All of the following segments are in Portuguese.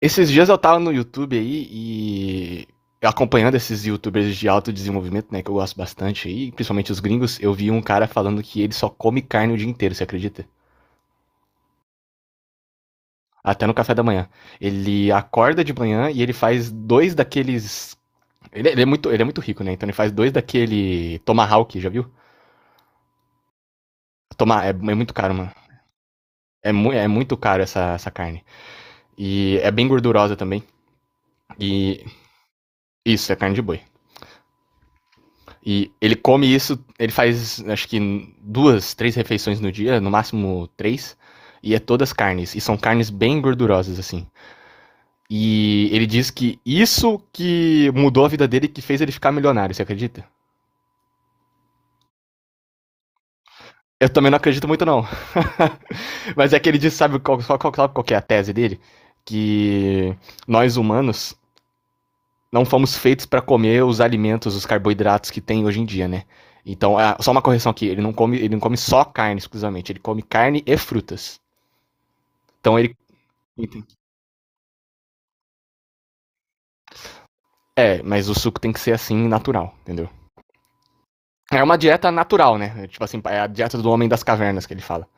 Esses dias eu tava no YouTube aí e acompanhando esses youtubers de alto desenvolvimento, né, que eu gosto bastante aí, principalmente os gringos, eu vi um cara falando que ele só come carne o dia inteiro, você acredita? Até no café da manhã. Ele acorda de manhã e ele faz dois daqueles ele ele é muito rico, né? Então ele faz dois daquele Tomahawk, já viu? É muito caro, mano. É, mu é muito caro essa carne. E é bem gordurosa também. E isso, é carne de boi. E ele come isso, ele faz acho que duas, três refeições no dia, no máximo três, e todas carnes, e são carnes bem gordurosas assim. E ele diz que isso que mudou a vida dele, que fez ele ficar milionário, você acredita? Eu também não acredito muito não. Mas é que ele diz, sabe qual que é a tese dele? Que nós humanos não fomos feitos para comer os alimentos, os carboidratos que tem hoje em dia, né? Então, é só uma correção aqui, ele não come só carne exclusivamente, ele come carne e frutas. Então ele mas o suco tem que ser assim natural, entendeu? É uma dieta natural, né? É, tipo assim, é a dieta do homem das cavernas que ele fala.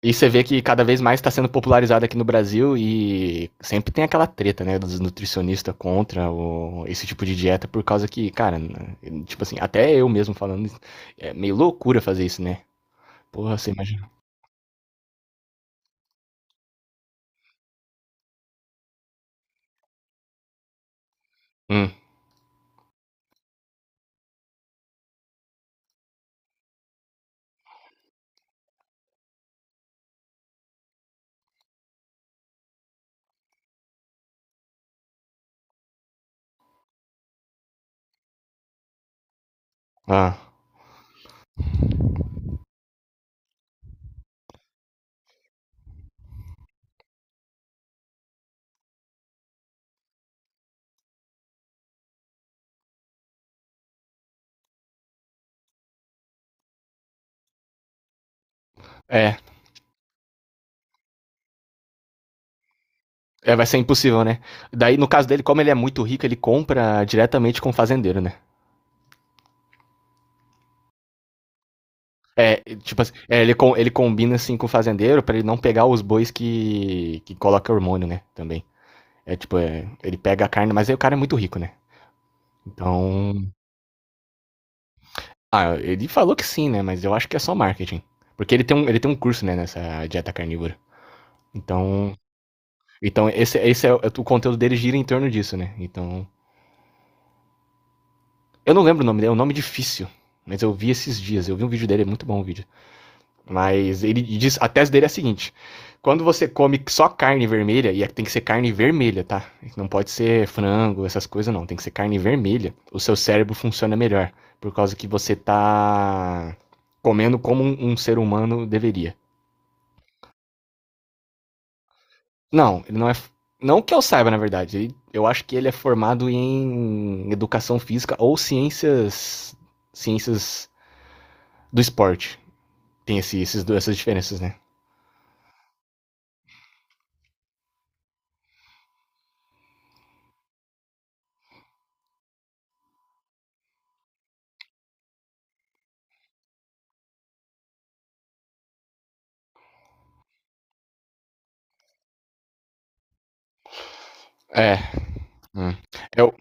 E você vê que cada vez mais está sendo popularizada aqui no Brasil e sempre tem aquela treta, né, dos nutricionistas contra esse tipo de dieta por causa que, cara, né, tipo assim, até eu mesmo falando, é meio loucura fazer isso, né? Porra, você imagina. Hum. Ah. É. É, vai ser impossível, né? Daí, no caso dele, como ele é muito rico, ele compra diretamente com o fazendeiro, né? É, tipo assim, ele combina assim com o fazendeiro pra ele não pegar os bois que coloca hormônio, né? Também. É tipo, ele pega a carne, mas aí o cara é muito rico, né? Então. Ah, ele falou que sim, né? Mas eu acho que é só marketing. Porque ele tem um curso, né, nessa dieta carnívora. Então. Então, esse é o conteúdo dele gira em torno disso, né? Então. Eu não lembro o nome dele, é um nome difícil. Mas eu vi esses dias, eu vi um vídeo dele, é muito bom o vídeo. Mas ele diz, a tese dele é a seguinte: quando você come só carne vermelha, e tem que ser carne vermelha, tá? Não pode ser frango, essas coisas não, tem que ser carne vermelha. O seu cérebro funciona melhor, por causa que você tá comendo como um ser humano deveria. Não, ele não é, não que eu saiba, na verdade. Eu acho que ele é formado em educação física ou ciências, ciências do esporte. Tem essas diferenças, né? É. Hum. Eu,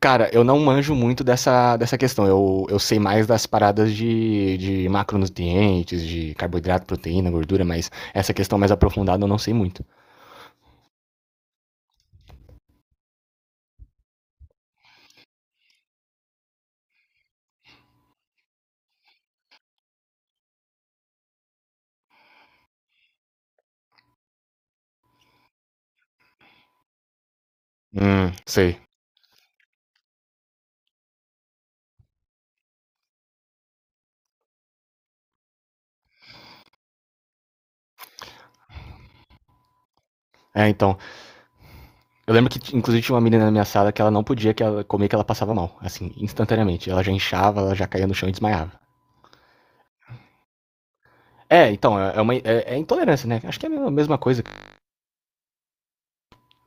cara, eu não manjo muito dessa questão. Eu sei mais das paradas de macronutrientes, de carboidrato, proteína, gordura, mas essa questão mais aprofundada eu não sei muito. Sei. É, então. Eu lembro que, inclusive, tinha uma menina na minha sala que ela não podia que ela comer que ela passava mal, assim, instantaneamente. Ela já inchava, ela já caía no chão e desmaiava. É, então, é, é uma, é intolerância, né? Acho que é a mesma mesma coisa,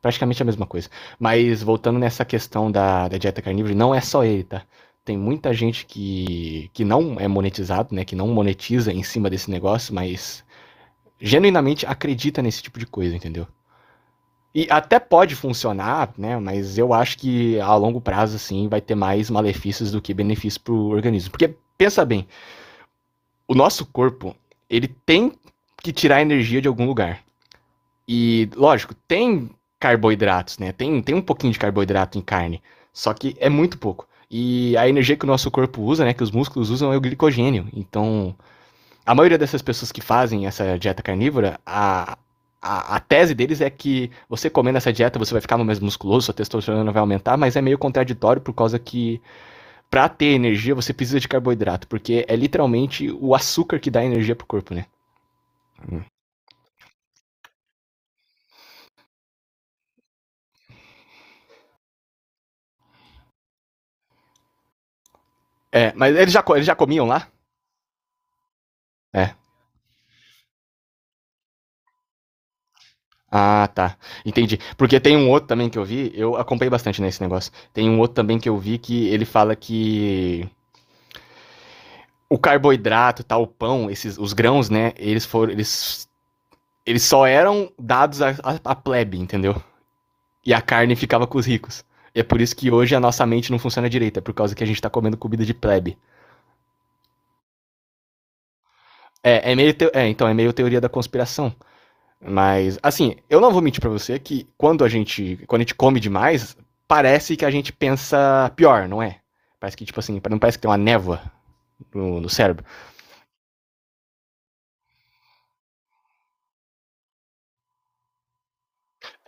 praticamente a mesma coisa. Mas voltando nessa questão da dieta carnívora, não é só ele, tá? Tem muita gente que não é monetizado, né? Que não monetiza em cima desse negócio, mas genuinamente acredita nesse tipo de coisa, entendeu? E até pode funcionar, né? Mas eu acho que a longo prazo, assim, vai ter mais malefícios do que benefícios pro organismo. Porque, pensa bem, o nosso corpo, ele tem que tirar energia de algum lugar. E, lógico, tem carboidratos, né? Tem um pouquinho de carboidrato em carne, só que é muito pouco. E a energia que o nosso corpo usa, né, que os músculos usam, é o glicogênio. Então, a maioria dessas pessoas que fazem essa dieta carnívora, a tese deles é que você comendo essa dieta você vai ficar mais musculoso, sua testosterona vai aumentar, mas é meio contraditório por causa que, para ter energia, você precisa de carboidrato, porque é literalmente o açúcar que dá energia pro corpo, né? É, mas eles já comiam lá? É. Ah, tá. Entendi. Porque tem um outro também que eu vi, eu acompanhei bastante nesse negócio. Tem um outro também que eu vi que ele fala que o carboidrato, tal, o pão, os grãos, né? Eles só eram dados à plebe, entendeu? E a carne ficava com os ricos. E é por isso que hoje a nossa mente não funciona direito, é por causa que a gente tá comendo comida de plebe. É meio, então é meio teoria da conspiração. Mas, assim, eu não vou mentir pra você que quando a gente come demais, parece que a gente pensa pior, não é? Parece que, tipo assim, não parece que tem uma névoa no cérebro.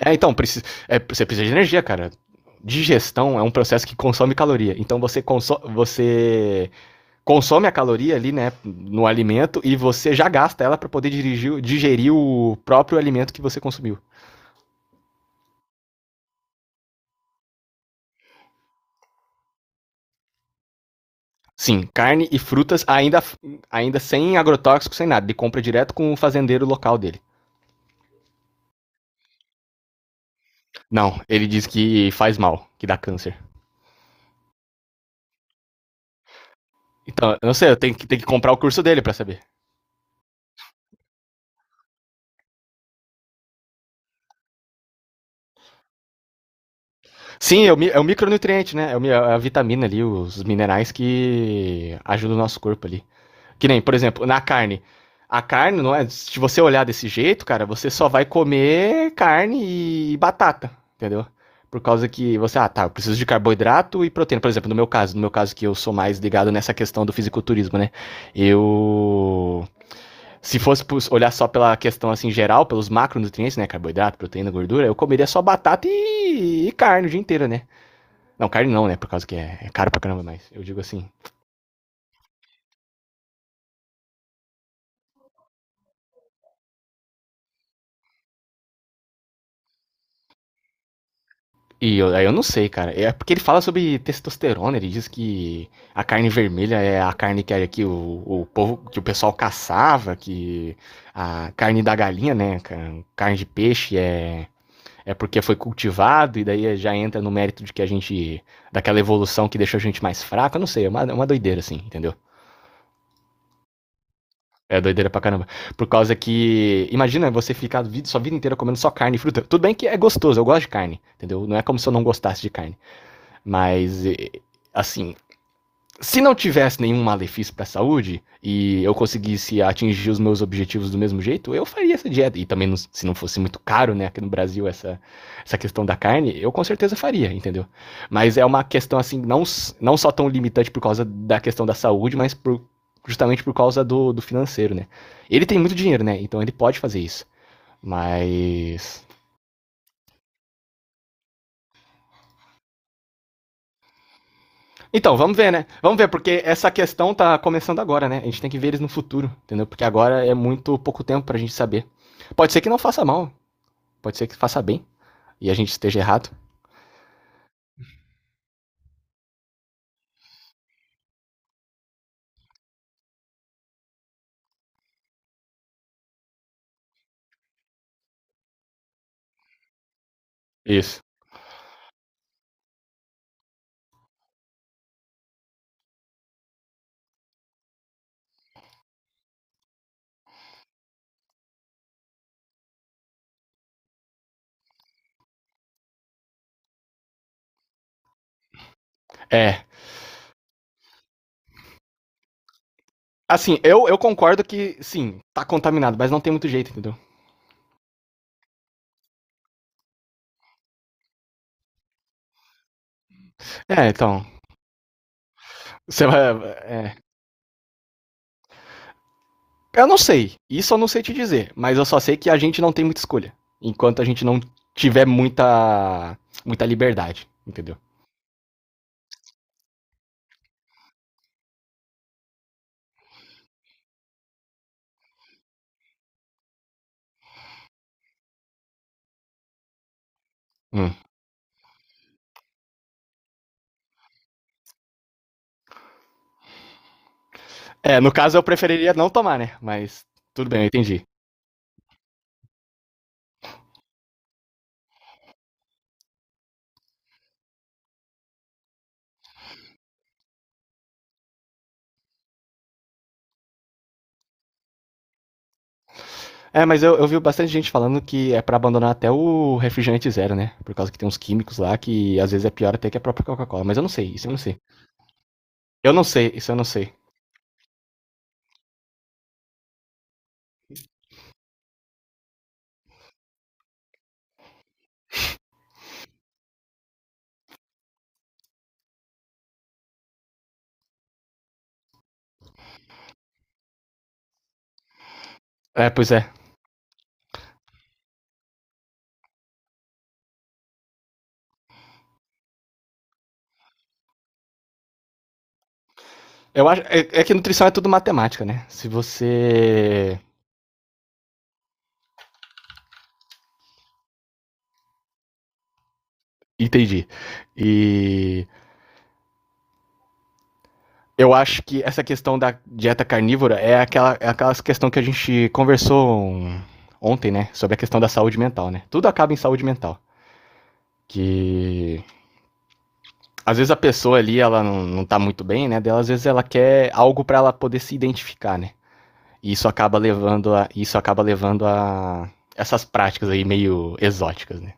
É, então, você precisa de energia, cara. Digestão é um processo que consome caloria. Então você consome a caloria ali, né, no alimento e você já gasta ela pra poder digerir o próprio alimento que você consumiu. Sim, carne e frutas ainda sem agrotóxico, sem nada. Ele compra direto com o fazendeiro local dele. Não, ele diz que faz mal, que dá câncer. Então, eu não sei, eu tenho que comprar o curso dele para saber. Sim, é o micronutriente, né? É a vitamina ali, os minerais que ajudam o nosso corpo ali. Que nem, por exemplo, na carne. A carne, não é? Se você olhar desse jeito, cara, você só vai comer carne e batata, entendeu? Por causa que tá, eu preciso de carboidrato e proteína. Por exemplo, no meu caso que eu sou mais ligado nessa questão do fisiculturismo, né? Eu. Se fosse olhar só pela questão assim geral, pelos macronutrientes, né? Carboidrato, proteína, gordura, eu comeria só batata e carne o dia inteiro, né? Não, carne não, né? Por causa que é caro pra caramba, mas eu digo assim. Aí eu não sei, cara. É porque ele fala sobre testosterona, ele diz que a carne vermelha é a carne que o povo, que o pessoal caçava, que a carne da galinha, né, cara, carne de peixe é porque foi cultivado e daí já entra no mérito de que a gente daquela evolução que deixou a gente mais fraco, eu não sei, é uma doideira assim, entendeu? É doideira pra caramba. Por causa que, imagina você ficar a sua vida inteira comendo só carne e fruta. Tudo bem que é gostoso, eu gosto de carne, entendeu? Não é como se eu não gostasse de carne. Mas, assim, se não tivesse nenhum malefício para a saúde e eu conseguisse atingir os meus objetivos do mesmo jeito, eu faria essa dieta. E também, se não fosse muito caro, né, aqui no Brasil, essa questão da carne, eu com certeza faria, entendeu? Mas é uma questão, assim, não, não só tão limitante por causa da questão da saúde, mas justamente por causa do financeiro, né? Ele tem muito dinheiro, né? Então ele pode fazer isso. Mas. Então, vamos ver, né? Vamos ver, porque essa questão tá começando agora, né? A gente tem que ver eles no futuro, entendeu? Porque agora é muito pouco tempo pra gente saber. Pode ser que não faça mal, pode ser que faça bem e a gente esteja errado. Isso. É. Assim, eu concordo que, sim, tá contaminado, mas não tem muito jeito, entendeu? É, então. Você vai. É. Eu não sei. Isso eu não sei te dizer, mas eu só sei que a gente não tem muita escolha. Enquanto a gente não tiver muita. Liberdade, entendeu? Hum. É, no caso eu preferiria não tomar, né? Mas tudo bem, eu entendi. É, mas eu vi bastante gente falando que é pra abandonar até o refrigerante zero, né? Por causa que tem uns químicos lá que às vezes é pior até que a própria Coca-Cola. Mas eu não sei, isso eu não sei. Eu não sei, isso eu não sei. É, pois é. Eu acho, é que nutrição é tudo matemática, né? Se você. Entendi. E eu acho que essa questão da dieta carnívora é aquela questão que a gente conversou ontem, né? Sobre a questão da saúde mental, né? Tudo acaba em saúde mental. Que às vezes a pessoa ali ela não tá muito bem, né? Dela às vezes ela quer algo para ela poder se identificar, né? E isso acaba levando a essas práticas aí meio exóticas, né?